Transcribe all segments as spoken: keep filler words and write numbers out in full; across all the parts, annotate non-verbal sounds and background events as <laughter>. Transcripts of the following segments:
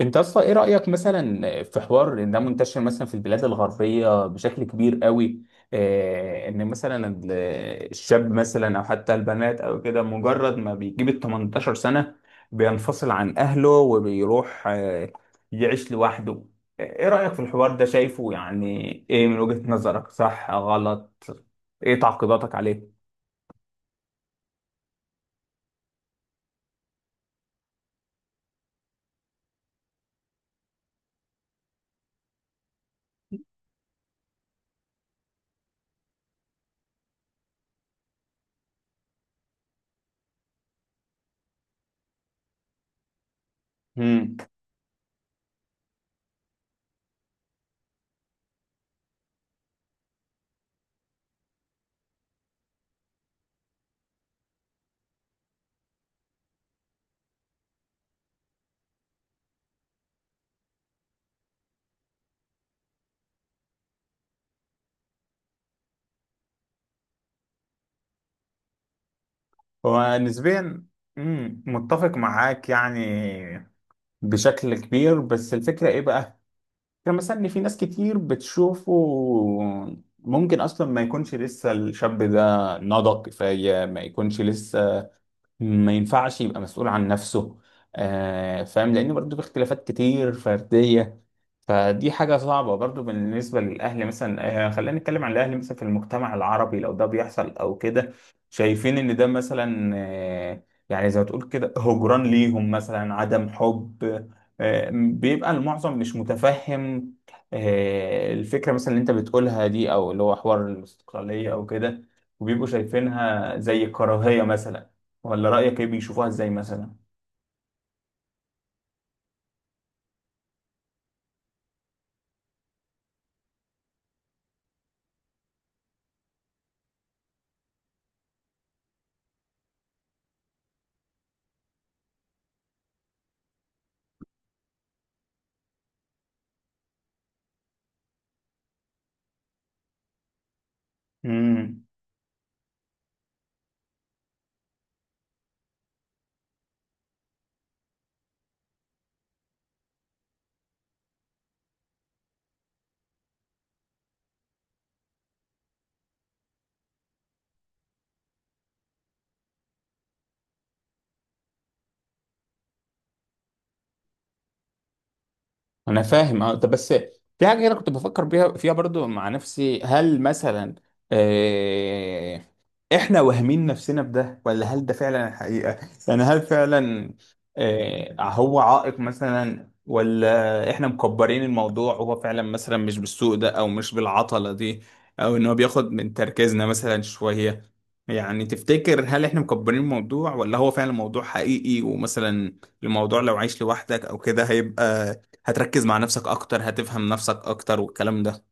انت اصلا ايه رأيك مثلا في حوار ان ده منتشر مثلا في البلاد الغربية بشكل كبير قوي، آه، ان مثلا ال- الشاب مثلا او حتى البنات او كده مجرد ما بيجيب ال 18 سنة بينفصل عن اهله وبيروح، آه، يعيش لوحده. ايه رأيك في الحوار ده؟ شايفه يعني ايه من وجهة نظرك، صح غلط؟ ايه تعقيباتك عليه؟ امم. ونسبيا. مم، متفق معاك يعني بشكل كبير. بس الفكرة ايه بقى؟ يعني مثلا ان في ناس كتير بتشوفه ممكن اصلا ما يكونش لسه الشاب ده نضج كفاية، ما يكونش لسه ما ينفعش يبقى مسؤول عن نفسه. آه فاهم، لان برضه في اختلافات كتير فردية. فدي حاجة صعبة برضو بالنسبة للأهل مثلا، آه، خلينا نتكلم عن الأهل مثلا في المجتمع العربي، لو ده بيحصل أو كده شايفين إن ده مثلا، آه، يعني زي ما تقول كده هجران ليهم، مثلا عدم حب. آه، بيبقى المعظم مش متفهم آه، الفكرة مثلا اللي أنت بتقولها دي، أو اللي هو حوار الاستقلالية أو كده، وبيبقوا شايفينها زي كراهية مثلا. ولا رأيك إيه، بيشوفوها إزاي مثلا؟ انا فاهم اه. طب بس في حاجه انا كنت بفكر بيها فيها برضو مع نفسي، هل مثلا، آه احنا واهمين نفسنا بده، ولا هل ده فعلا الحقيقه؟ يعني هل فعلا، آه هو عائق مثلا، ولا احنا مكبرين الموضوع وهو فعلا مثلا مش بالسوء ده او مش بالعطله دي، او ان هو بياخد من تركيزنا مثلا شويه؟ يعني تفتكر، هل احنا مكبرين الموضوع ولا هو فعلا موضوع حقيقي، ومثلا الموضوع لو عايش لوحدك او كده، هيبقى هتركز مع نفسك اكتر، هتفهم نفسك اكتر والكلام ده؟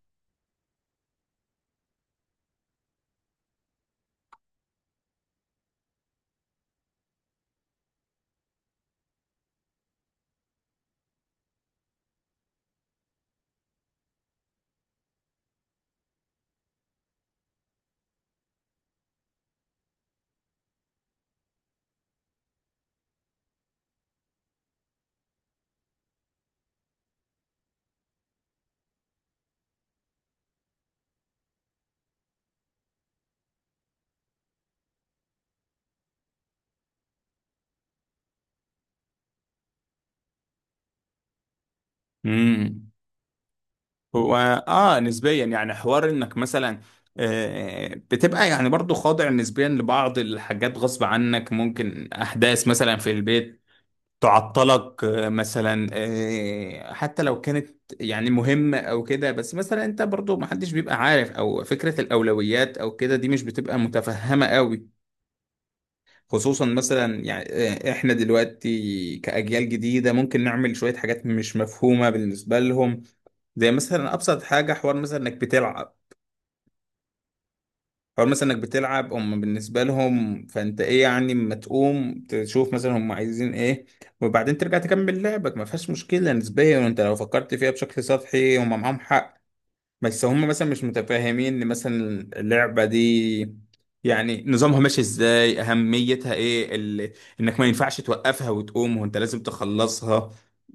امم. هو اه نسبيا، يعني حوار انك مثلا، آه، بتبقى يعني برضو خاضع نسبيا لبعض الحاجات غصب عنك. ممكن احداث مثلا في البيت تعطلك، آه، مثلا، آه، حتى لو كانت يعني مهمة او كده. بس مثلا انت برضو محدش بيبقى عارف، او فكرة الاولويات او كده دي مش بتبقى متفهمة قوي، خصوصا مثلا يعني، آه، احنا دلوقتي كأجيال جديدة ممكن نعمل شوية حاجات مش مفهومة بالنسبة لهم. زي مثلا أبسط حاجة، حوار مثلا إنك بتلعب. حوار مثلا إنك بتلعب، هم بالنسبة لهم فأنت إيه يعني أما تقوم تشوف مثلا هم عايزين إيه، وبعدين ترجع تكمل لعبك، ما فيهاش مشكلة نسبيا. وأنت لو فكرت فيها بشكل سطحي هم معاهم حق. بس هم مثلا مش متفاهمين ان مثلا اللعبة دي يعني نظامها ماشي ازاي، اهميتها ايه، ال... انك ما ينفعش توقفها وتقوم وانت لازم تخلصها.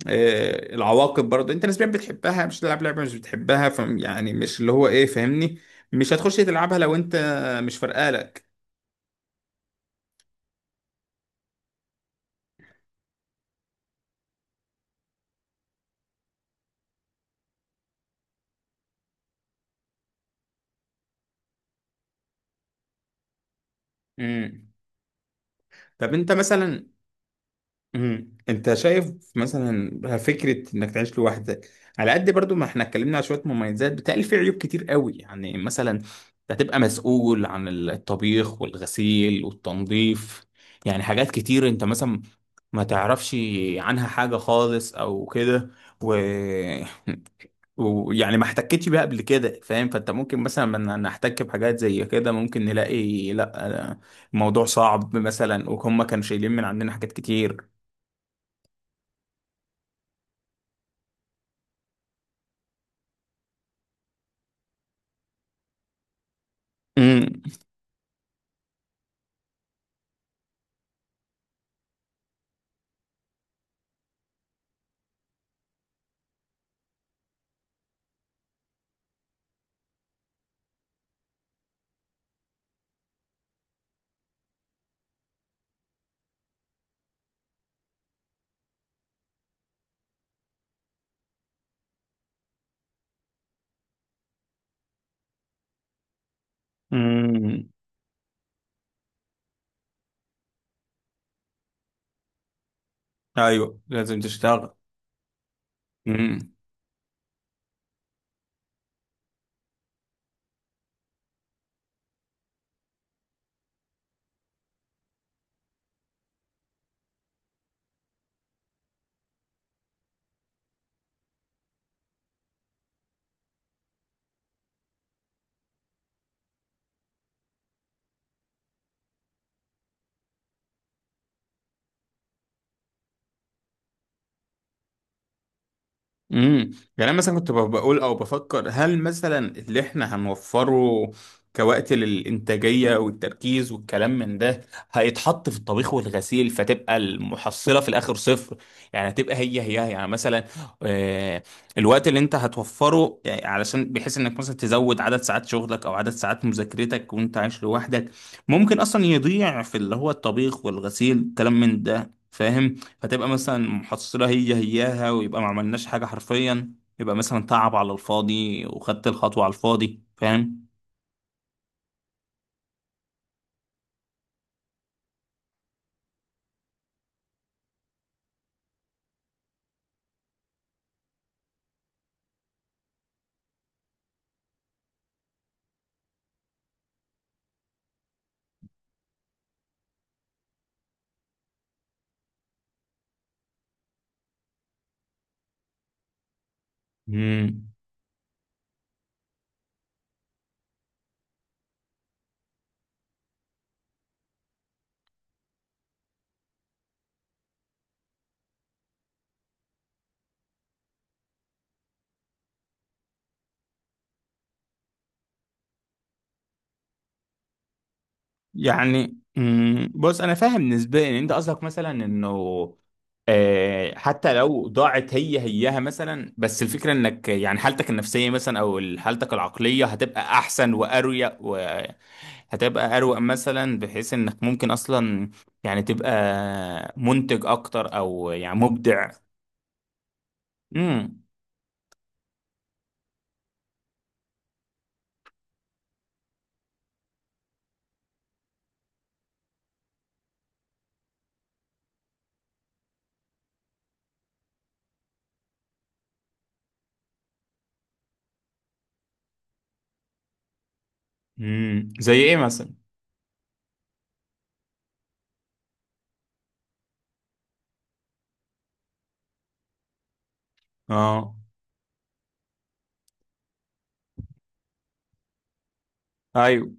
آه العواقب برضه، انت نسبيا بتحبها، مش تلعب لعبة مش بتحبها، ف... يعني مش اللي هو ايه، فاهمني؟ مش هتخش تلعبها لو انت مش فارقالك. امم. طب انت مثلا مم. انت شايف مثلا فكره انك تعيش لوحدك، على قد برضو ما احنا اتكلمنا على شويه مميزات، بتقل في عيوب كتير قوي. يعني مثلا انت هتبقى مسؤول عن الطبيخ والغسيل والتنظيف. يعني حاجات كتير انت مثلا ما تعرفش عنها حاجه خالص او كده و... <laughs> ويعني ما احتكتش بيها قبل كده، فاهم؟ فانت ممكن مثلا لما نحتك بحاجات زي كده، ممكن نلاقي لا، الموضوع صعب مثلا، وهم كانوا شايلين من عندنا حاجات كتير. امم امم. ايوه لازم تشتغل. امم امم. يعني انا مثلا كنت ب- بقول او بفكر، هل مثلا اللي احنا هنوفره كوقت للانتاجيه والتركيز والكلام من ده هيتحط في الطبيخ والغسيل، فتبقى المحصله في الاخر صفر؟ يعني هتبقى هي هي، يعني مثلا، آه، الوقت اللي انت هتوفره يعني علشان بحيث انك مثلا تزود عدد ساعات شغلك او عدد ساعات مذاكرتك وانت عايش لوحدك، ممكن اصلا يضيع في اللي هو الطبيخ والغسيل الكلام من ده، فاهم؟ فتبقى مثلا محصلة هي هياها، ويبقى ما عملناش حاجة حرفيا. يبقى مثلا تعب على الفاضي، وخدت الخطوة على الفاضي، فاهم؟ مم. يعني مم. بص أنا فاهم نسبيا إن أنت قصدك مثلا إنه، آه، حتى لو ضاعت هي هياها مثلا، بس الفكرة انك يعني حالتك النفسية مثلا او حالتك العقلية هتبقى احسن واريق، وهتبقى اروق مثلا، بحيث انك ممكن اصلا يعني تبقى منتج اكتر، او يعني مبدع. امم. امم، زي ايه مثلا؟ اه ايوه.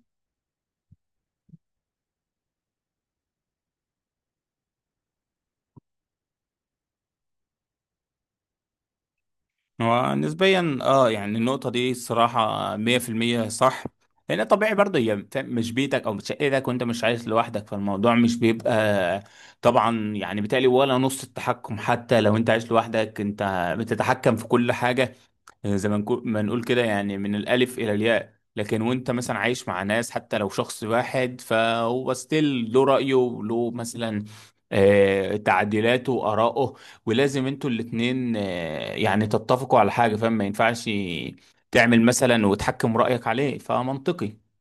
هو نسبيا اه يعني النقطه دي الصراحه مية في المية صح. لان طبيعي برضه هي بت- مش بيتك او مش شقتك وانت مش عايش لوحدك، فالموضوع مش بيبقى طبعا. يعني بالتالي ولا نص التحكم حتى لو انت عايش لوحدك انت بتتحكم في كل حاجه، آه، زي ما نكو- ما نقول كده، يعني من الألف إلى الياء. لكن وانت مثلا عايش مع ناس حتى لو شخص واحد، فهو ستيل له رأيه وله مثلا، آه، تعديلاته وآراءه. ولازم انتوا الاتنين، آه، يعني تتفقوا على حاجة، فاهم؟ ما ينفعش تعمل مثلا وتحكم رأيك عليه، فمنطقي.